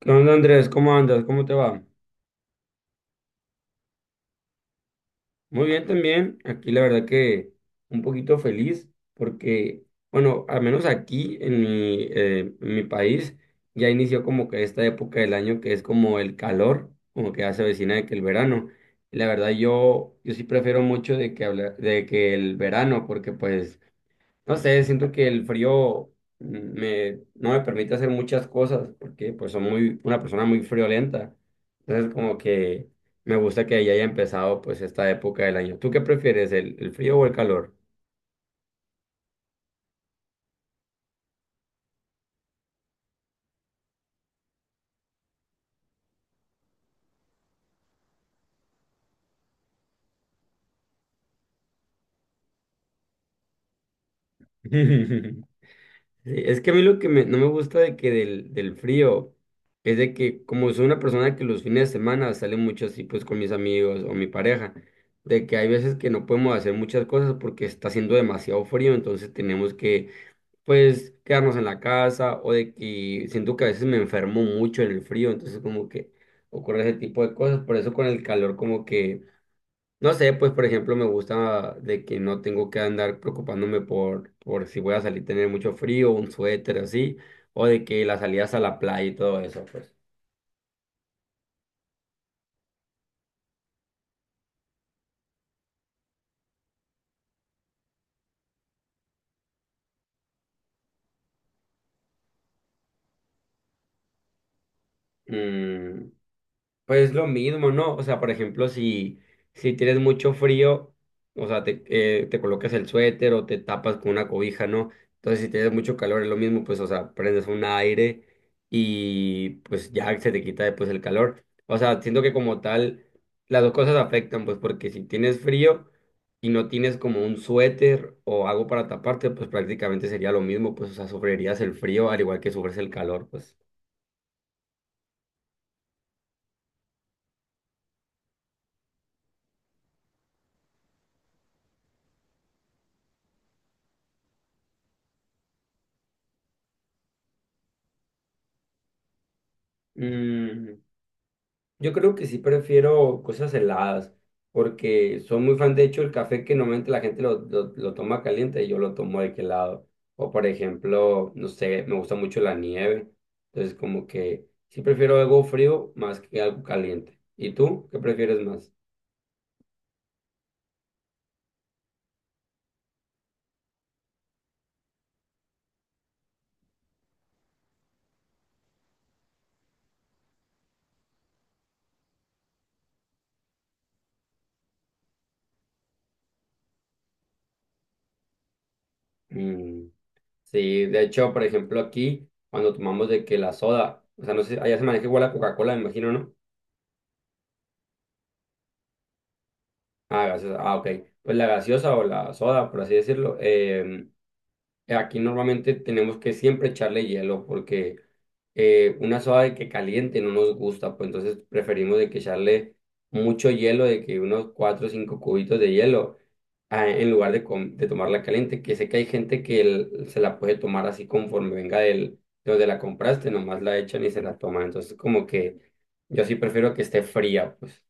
¿Qué onda, Andrés? ¿Cómo andas? ¿Cómo te va? Muy bien también. Aquí la verdad que un poquito feliz porque, bueno, al menos aquí en mi país ya inició como que esta época del año que es como el calor, como que ya se avecina de que el verano. Y la verdad yo sí prefiero mucho de que de que el verano porque pues no sé, siento que el frío mm, no me permite hacer muchas cosas porque pues soy muy, una persona muy friolenta. Entonces como que me gusta que ya haya empezado pues esta época del año. ¿Tú qué prefieres, el frío o el calor? Sí, es que a mí lo que no me gusta de que del frío es de que como soy una persona que los fines de semana sale mucho así pues con mis amigos o mi pareja, de que hay veces que no podemos hacer muchas cosas porque está haciendo demasiado frío, entonces tenemos que pues quedarnos en la casa o de que siento que a veces me enfermo mucho en el frío, entonces como que ocurre ese tipo de cosas, por eso con el calor como que, no sé, pues por ejemplo me gusta de que no tengo que andar preocupándome por si voy a salir tener mucho frío, un suéter así, o de que las salidas a la playa y todo eso, pues. Mm, pues lo mismo, ¿no? O sea, por ejemplo, si, si tienes mucho frío, o sea, te colocas el suéter o te tapas con una cobija, ¿no? Entonces, si tienes mucho calor, es lo mismo, pues, o sea, prendes un aire y pues ya se te quita después el calor. O sea, siento que como tal, las dos cosas afectan, pues, porque si tienes frío y no tienes como un suéter o algo para taparte, pues prácticamente sería lo mismo, pues, o sea, sufrirías el frío al igual que sufres el calor, pues. Mm. Yo creo que sí prefiero cosas heladas, porque soy muy fan, de hecho, el café que normalmente la gente lo toma caliente, yo lo tomo de que helado. O por ejemplo, no sé, me gusta mucho la nieve. Entonces, como que sí prefiero algo frío más que algo caliente. ¿Y tú qué prefieres más? Mm, sí, de hecho, por ejemplo, aquí, cuando tomamos de que la soda, o sea, no sé, allá se maneja igual la Coca-Cola, me imagino, ¿no? Ah, gaseosa, ah, ok. Pues la gaseosa o la soda, por así decirlo. Aquí normalmente tenemos que siempre echarle hielo porque una soda de que caliente no nos gusta, pues entonces preferimos de que echarle mucho hielo, de que unos cuatro o cinco cubitos de hielo ah, en lugar de, de tomarla caliente, que sé que hay gente que se la puede tomar así conforme venga del, de donde la compraste, nomás la echan y se la toman. Entonces como que yo sí prefiero que esté fría, pues.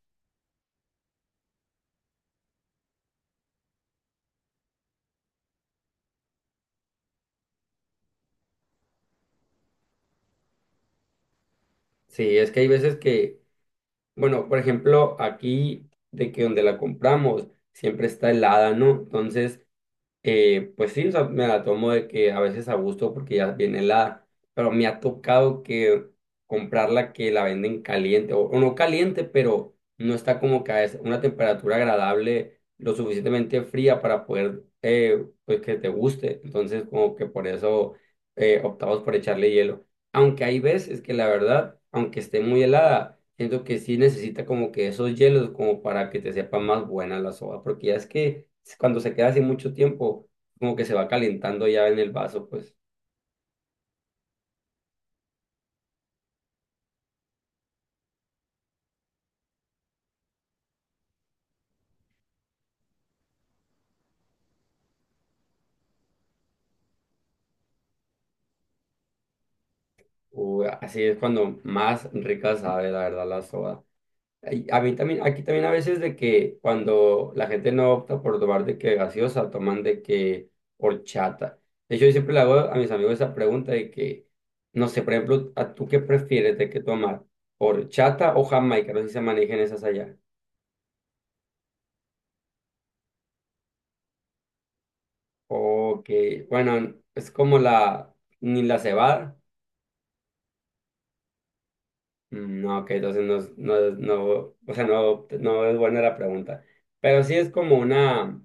Sí, es que hay veces que, bueno, por ejemplo, aquí de que donde la compramos siempre está helada, ¿no? Entonces, eh, pues sí, o sea, me la tomo de que a veces a gusto porque ya viene helada, pero me ha tocado que comprarla que la venden caliente, o no caliente, pero no está como que a una temperatura agradable, lo suficientemente fría para poder, pues que te guste. Entonces, como que por eso optamos por echarle hielo. Aunque hay veces que la verdad, aunque esté muy helada, siento que sí necesita como que esos hielos como para que te sepa más buena la soda, porque ya es que cuando se queda así mucho tiempo, como que se va calentando ya en el vaso, pues, o así es cuando más rica sabe la verdad la soda. Y a mí también, aquí también a veces de que cuando la gente no opta por tomar de que gaseosa, toman de que horchata. De hecho, yo siempre le hago a mis amigos esa pregunta de que, no sé, por ejemplo, ¿a tú qué prefieres de que tomar? ¿Horchata o jamaica? No sé si se manejan esas allá. O que, bueno, es como ni la cebada. Mm, no, ok, entonces no, no, no, o sea, no es buena la pregunta. Pero sí es como una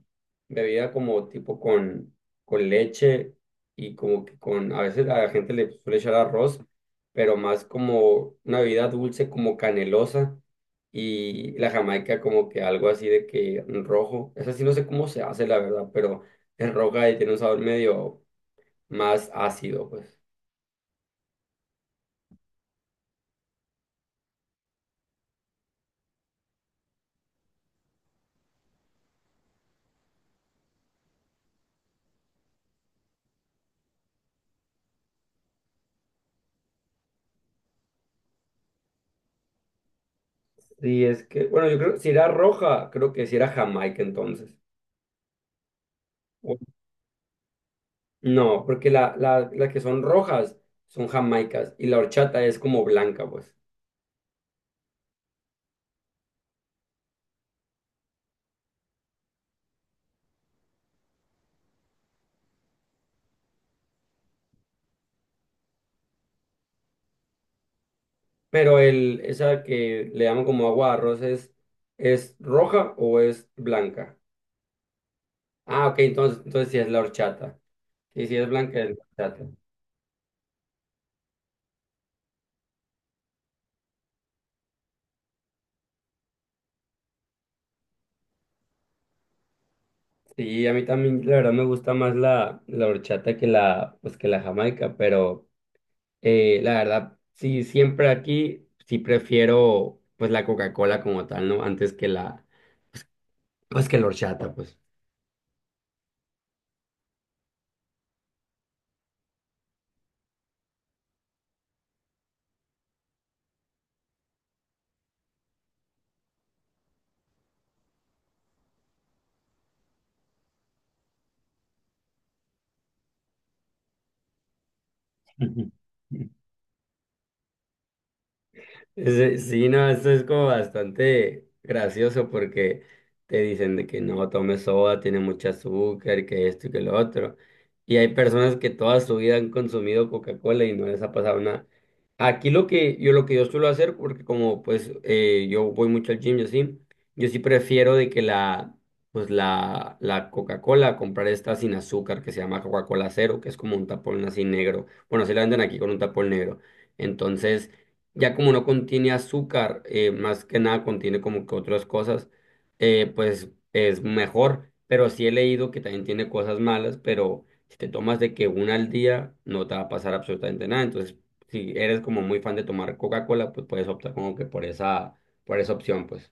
bebida como tipo con leche y como que con, a veces a la gente le suele echar arroz, pero más como una bebida dulce, como canelosa y la jamaica como que algo así de que rojo. Esa sí no sé cómo se hace, la verdad, pero es roja y tiene un sabor medio más ácido, pues. Sí, es que, bueno, yo creo si era roja, creo que si era jamaica entonces. O- No, porque las que son rojas son jamaicas y la horchata es como blanca, pues. Pero el, esa que le llaman como agua de arroz ¿es roja o es blanca? Ah, ok, entonces, entonces sí es la horchata. Sí, sí es blanca, es la horchata. Sí, a mí también la verdad me gusta más la horchata que la, pues, que la jamaica, pero... la verdad, sí, siempre aquí sí prefiero pues la Coca-Cola como tal, ¿no? Antes que la, pues que la horchata, pues. Sí, sí, no, esto es como bastante gracioso porque te dicen de que no tomes soda, tiene mucho azúcar, que esto y que lo otro. Y hay personas que toda su vida han consumido Coca-Cola y no les ha pasado nada. Aquí lo que yo suelo hacer, porque como pues yo voy mucho al gym, yo sí prefiero de que la pues la Coca-Cola, comprar esta sin azúcar que se llama Coca-Cola Cero, que es como un tapón así negro. Bueno, así la venden aquí con un tapón negro. Entonces, ya como no contiene azúcar, más que nada contiene como que otras cosas, pues es mejor. Pero sí he leído que también tiene cosas malas, pero si te tomas de que una al día, no te va a pasar absolutamente nada. Entonces, si eres como muy fan de tomar Coca-Cola, pues puedes optar como que por esa opción, pues.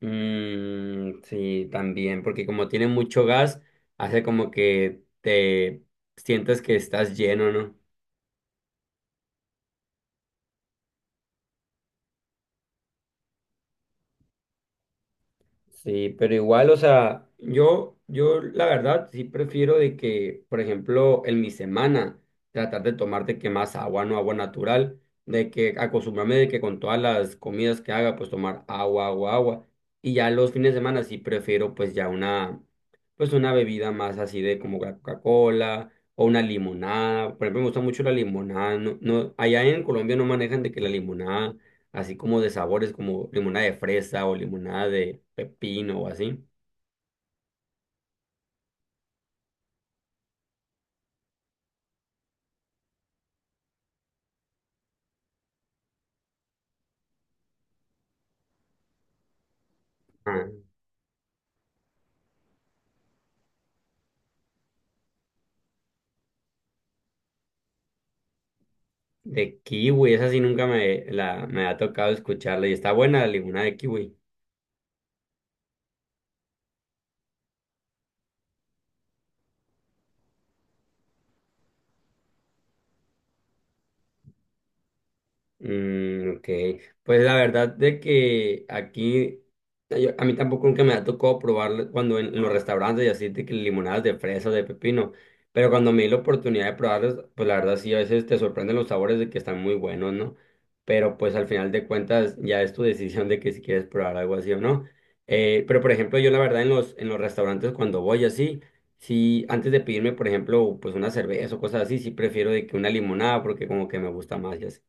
Mm, sí, también, porque como tiene mucho gas, hace como que te sientes que estás lleno, ¿no? Sí, pero igual, o sea, yo la verdad sí prefiero de que, por ejemplo, en mi semana, tratar de tomar de que más agua, no agua natural, de que acostumbrarme de que con todas las comidas que haga, pues tomar agua, agua, agua. Y ya los fines de semana sí prefiero pues ya una, pues una bebida más así de como la Coca-Cola o una limonada. Por ejemplo, me gusta mucho la limonada. No, no, allá en Colombia no manejan de que la limonada así como de sabores como limonada de fresa o limonada de pepino o así. Ah, de kiwi, esa sí nunca me ha tocado escucharla y está buena la limonada de kiwi. Mm, ok, pues la verdad de que aquí yo- a mí tampoco nunca me ha tocado probar cuando en los restaurantes y así de que limonadas de fresa, de pepino, pero cuando me di la oportunidad de probarlas, pues la verdad sí, a veces te sorprenden los sabores de que están muy buenos, ¿no? Pero pues al final de cuentas ya es tu decisión de que si quieres probar algo así o no. Pero por ejemplo, yo la verdad en en los restaurantes cuando voy así, sí, antes de pedirme, por ejemplo, pues una cerveza o cosas así, sí prefiero de que una limonada porque como que me gusta más y así.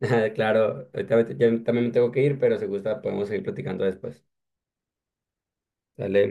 Claro, ahorita ya también me tengo que ir, pero si gusta podemos seguir platicando después. Dale.